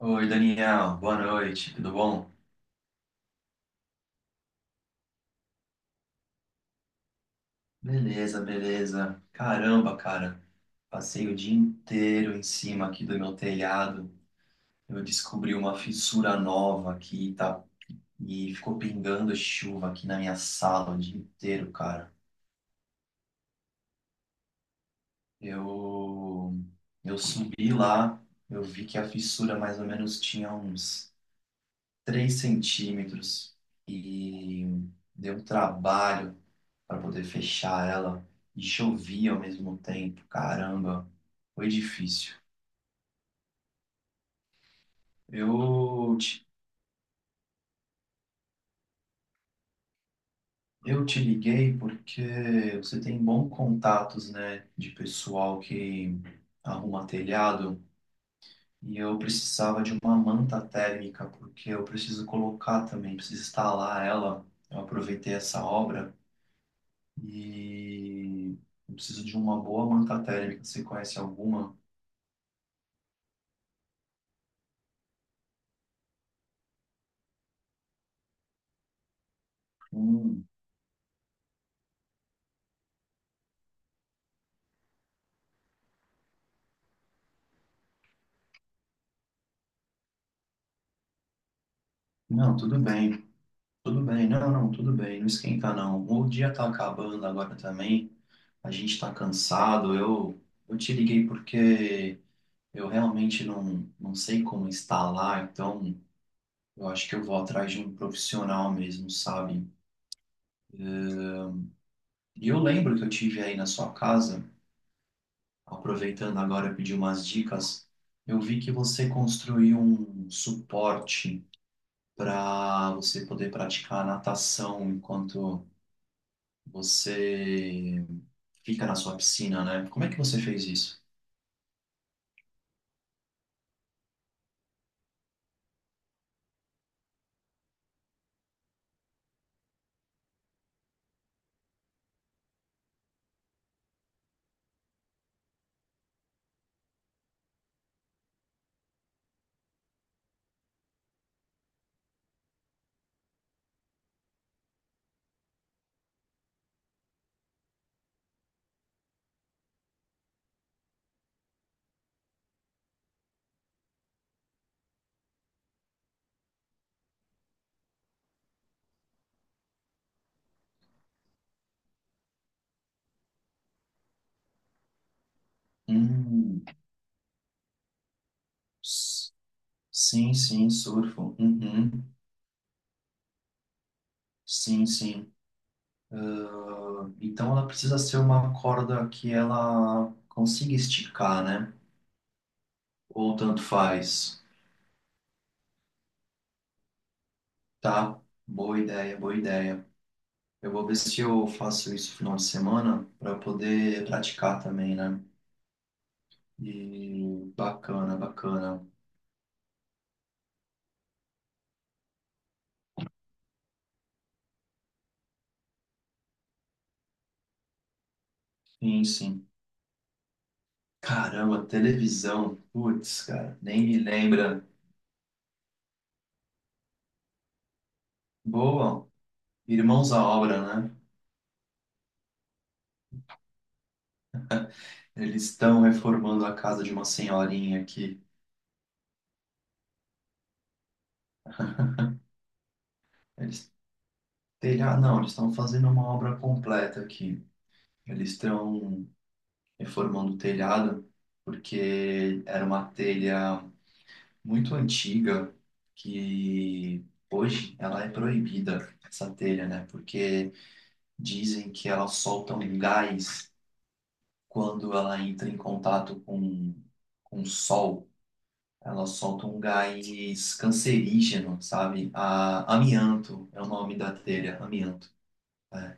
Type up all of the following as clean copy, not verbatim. Oi, Daniel, boa noite, tudo bom? Beleza, beleza. Caramba, cara, passei o dia inteiro em cima aqui do meu telhado. Eu descobri uma fissura nova aqui, tá? E ficou pingando chuva aqui na minha sala o dia inteiro, cara. Eu, eu subi lá, eu vi que a fissura mais ou menos tinha uns 3 centímetros e deu um trabalho para poder fechar ela e chovia ao mesmo tempo. Caramba, foi difícil. Eu te, eu te liguei porque você tem bons contatos, né, de pessoal que arruma telhado e eu precisava de uma manta térmica porque eu preciso colocar também, preciso instalar ela. Eu aproveitei essa obra e eu preciso de uma boa manta térmica. Você conhece alguma? Hum, não, tudo bem, tudo bem. Não, não, tudo bem. Não esquenta, não. O dia tá acabando agora também. A gente tá cansado. Eu te liguei porque eu realmente não, não sei como instalar, então eu acho que eu vou atrás de um profissional mesmo, sabe? E eu lembro que eu tive aí na sua casa, aproveitando agora pedir umas dicas, eu vi que você construiu um suporte para você poder praticar natação enquanto você fica na sua piscina, né? Como é que você fez isso? Hum, s- sim, sim, surfo. Uhum, sim, sim. Então ela precisa ser uma corda que ela consiga esticar, né? Ou tanto faz. Tá? Boa ideia, boa ideia. Eu vou ver se eu faço isso no final de semana para poder praticar também, né? E bacana, bacana. Sim, sim. Caramba, televisão. Putz, cara, nem me lembra. Boa, Irmãos à Obra, né? Eles estão reformando a casa de uma senhorinha aqui. Eles, telhado, não, eles estão fazendo uma obra completa aqui. Eles estão reformando o telhado porque era uma telha muito antiga que hoje ela é proibida, essa telha, né? Porque dizem que ela solta um gás quando ela entra em contato com o sol, ela solta um gás cancerígeno, sabe? A, amianto é o nome da telha, amianto. É.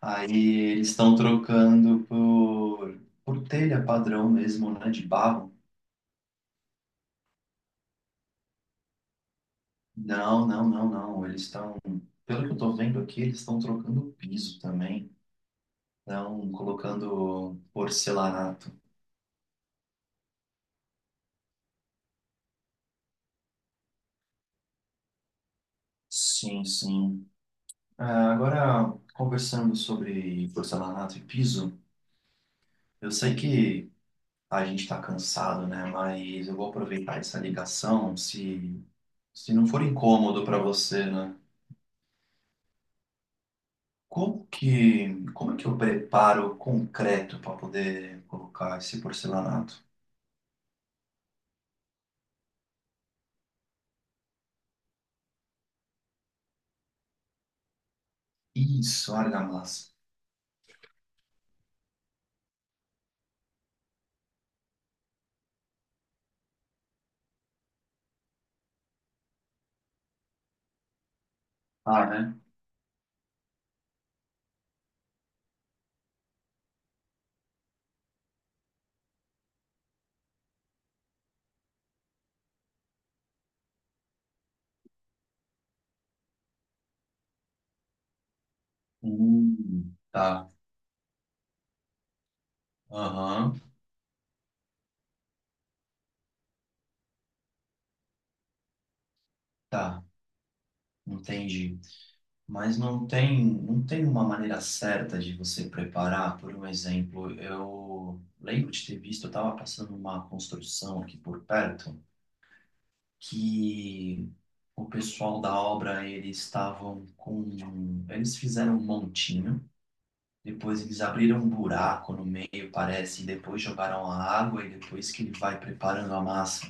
Aí eles estão trocando por telha padrão mesmo, né? De barro. Não, não, não, não. Eles estão, pelo que eu tô vendo aqui, eles estão trocando o piso também. Estão colocando porcelanato. Sim, sim. Ah, agora, conversando sobre porcelanato e piso, eu sei que a gente está cansado, né? Mas eu vou aproveitar essa ligação, se não for incômodo para você, né? Como é que eu preparo concreto para poder colocar esse porcelanato? Isso, argamassa. Ah, né? Tá. Aham, tá. Entendi. Mas não tem, não tem uma maneira certa de você preparar, por um exemplo, eu lembro de ter visto, eu estava passando uma construção aqui por perto, que o pessoal da obra, eles estavam com... Eles fizeram um montinho, depois eles abriram um buraco no meio, parece, e depois jogaram a água, e depois que ele vai preparando a massa.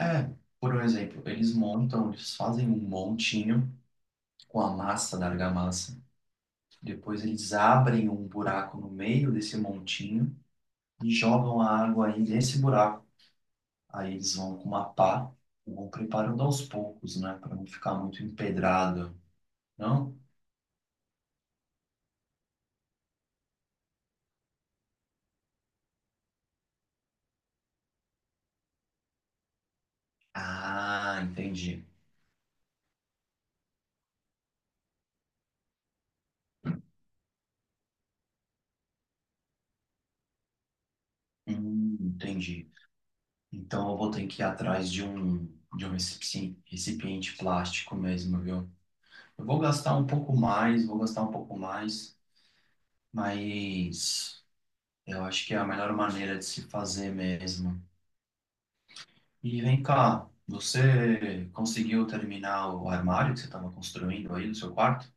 É, por um exemplo, eles montam, eles fazem um montinho com a massa da argamassa. Depois eles abrem um buraco no meio desse montinho e jogam a água aí nesse buraco. Aí eles vão com uma pá, vão preparando aos poucos, né? Para não ficar muito empedrado, não? Ah, entendi. Entendi. Então eu vou ter que ir atrás de um recipiente, recipiente plástico mesmo, viu? Eu vou gastar um pouco mais, vou gastar um pouco mais, mas eu acho que é a melhor maneira de se fazer mesmo. E vem cá, você conseguiu terminar o armário que você estava construindo aí no seu quarto?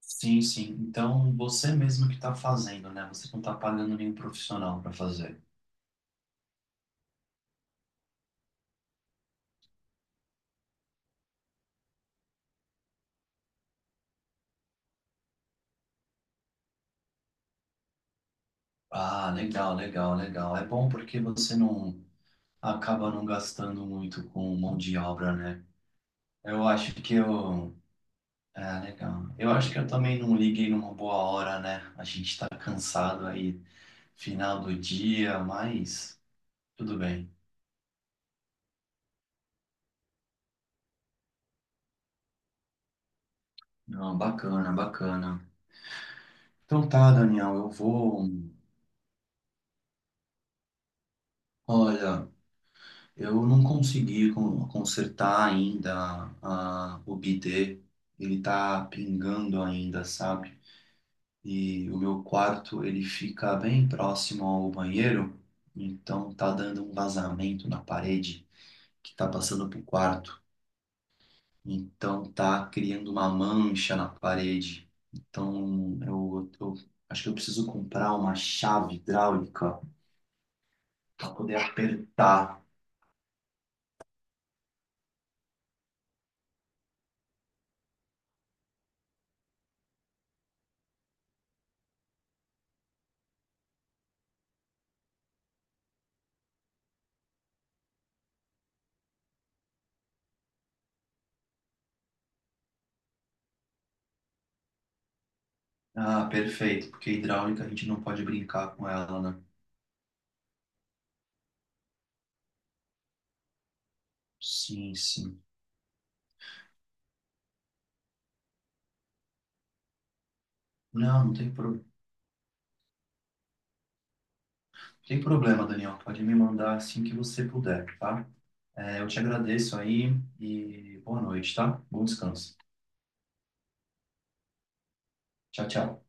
Sim, sim. Então, você mesmo que está fazendo, né? Você não está pagando nenhum profissional para fazer. Ah, legal, legal, legal. É bom porque você não acaba não gastando muito com mão de obra, né? Eu acho que eu. É, legal. Eu acho que eu também não liguei numa boa hora, né? A gente está cansado aí, final do dia, mas tudo bem. Não, bacana, bacana. Então tá, Daniel, eu vou. Olha. Eu não consegui consertar ainda a- o bidê, ele tá pingando ainda, sabe? E o meu quarto, ele fica bem próximo ao banheiro, então tá dando um vazamento na parede que tá passando pro quarto. Então tá criando uma mancha na parede. Então eu acho que eu preciso comprar uma chave hidráulica para poder apertar. Ah, perfeito, porque hidráulica a gente não pode brincar com ela, né? Sim, sim. Não, não tem, pro... tem problema, Daniel. Pode me mandar assim que você puder, tá? É, eu te agradeço aí e boa noite, tá? Bom descanso. Tchau, tchau.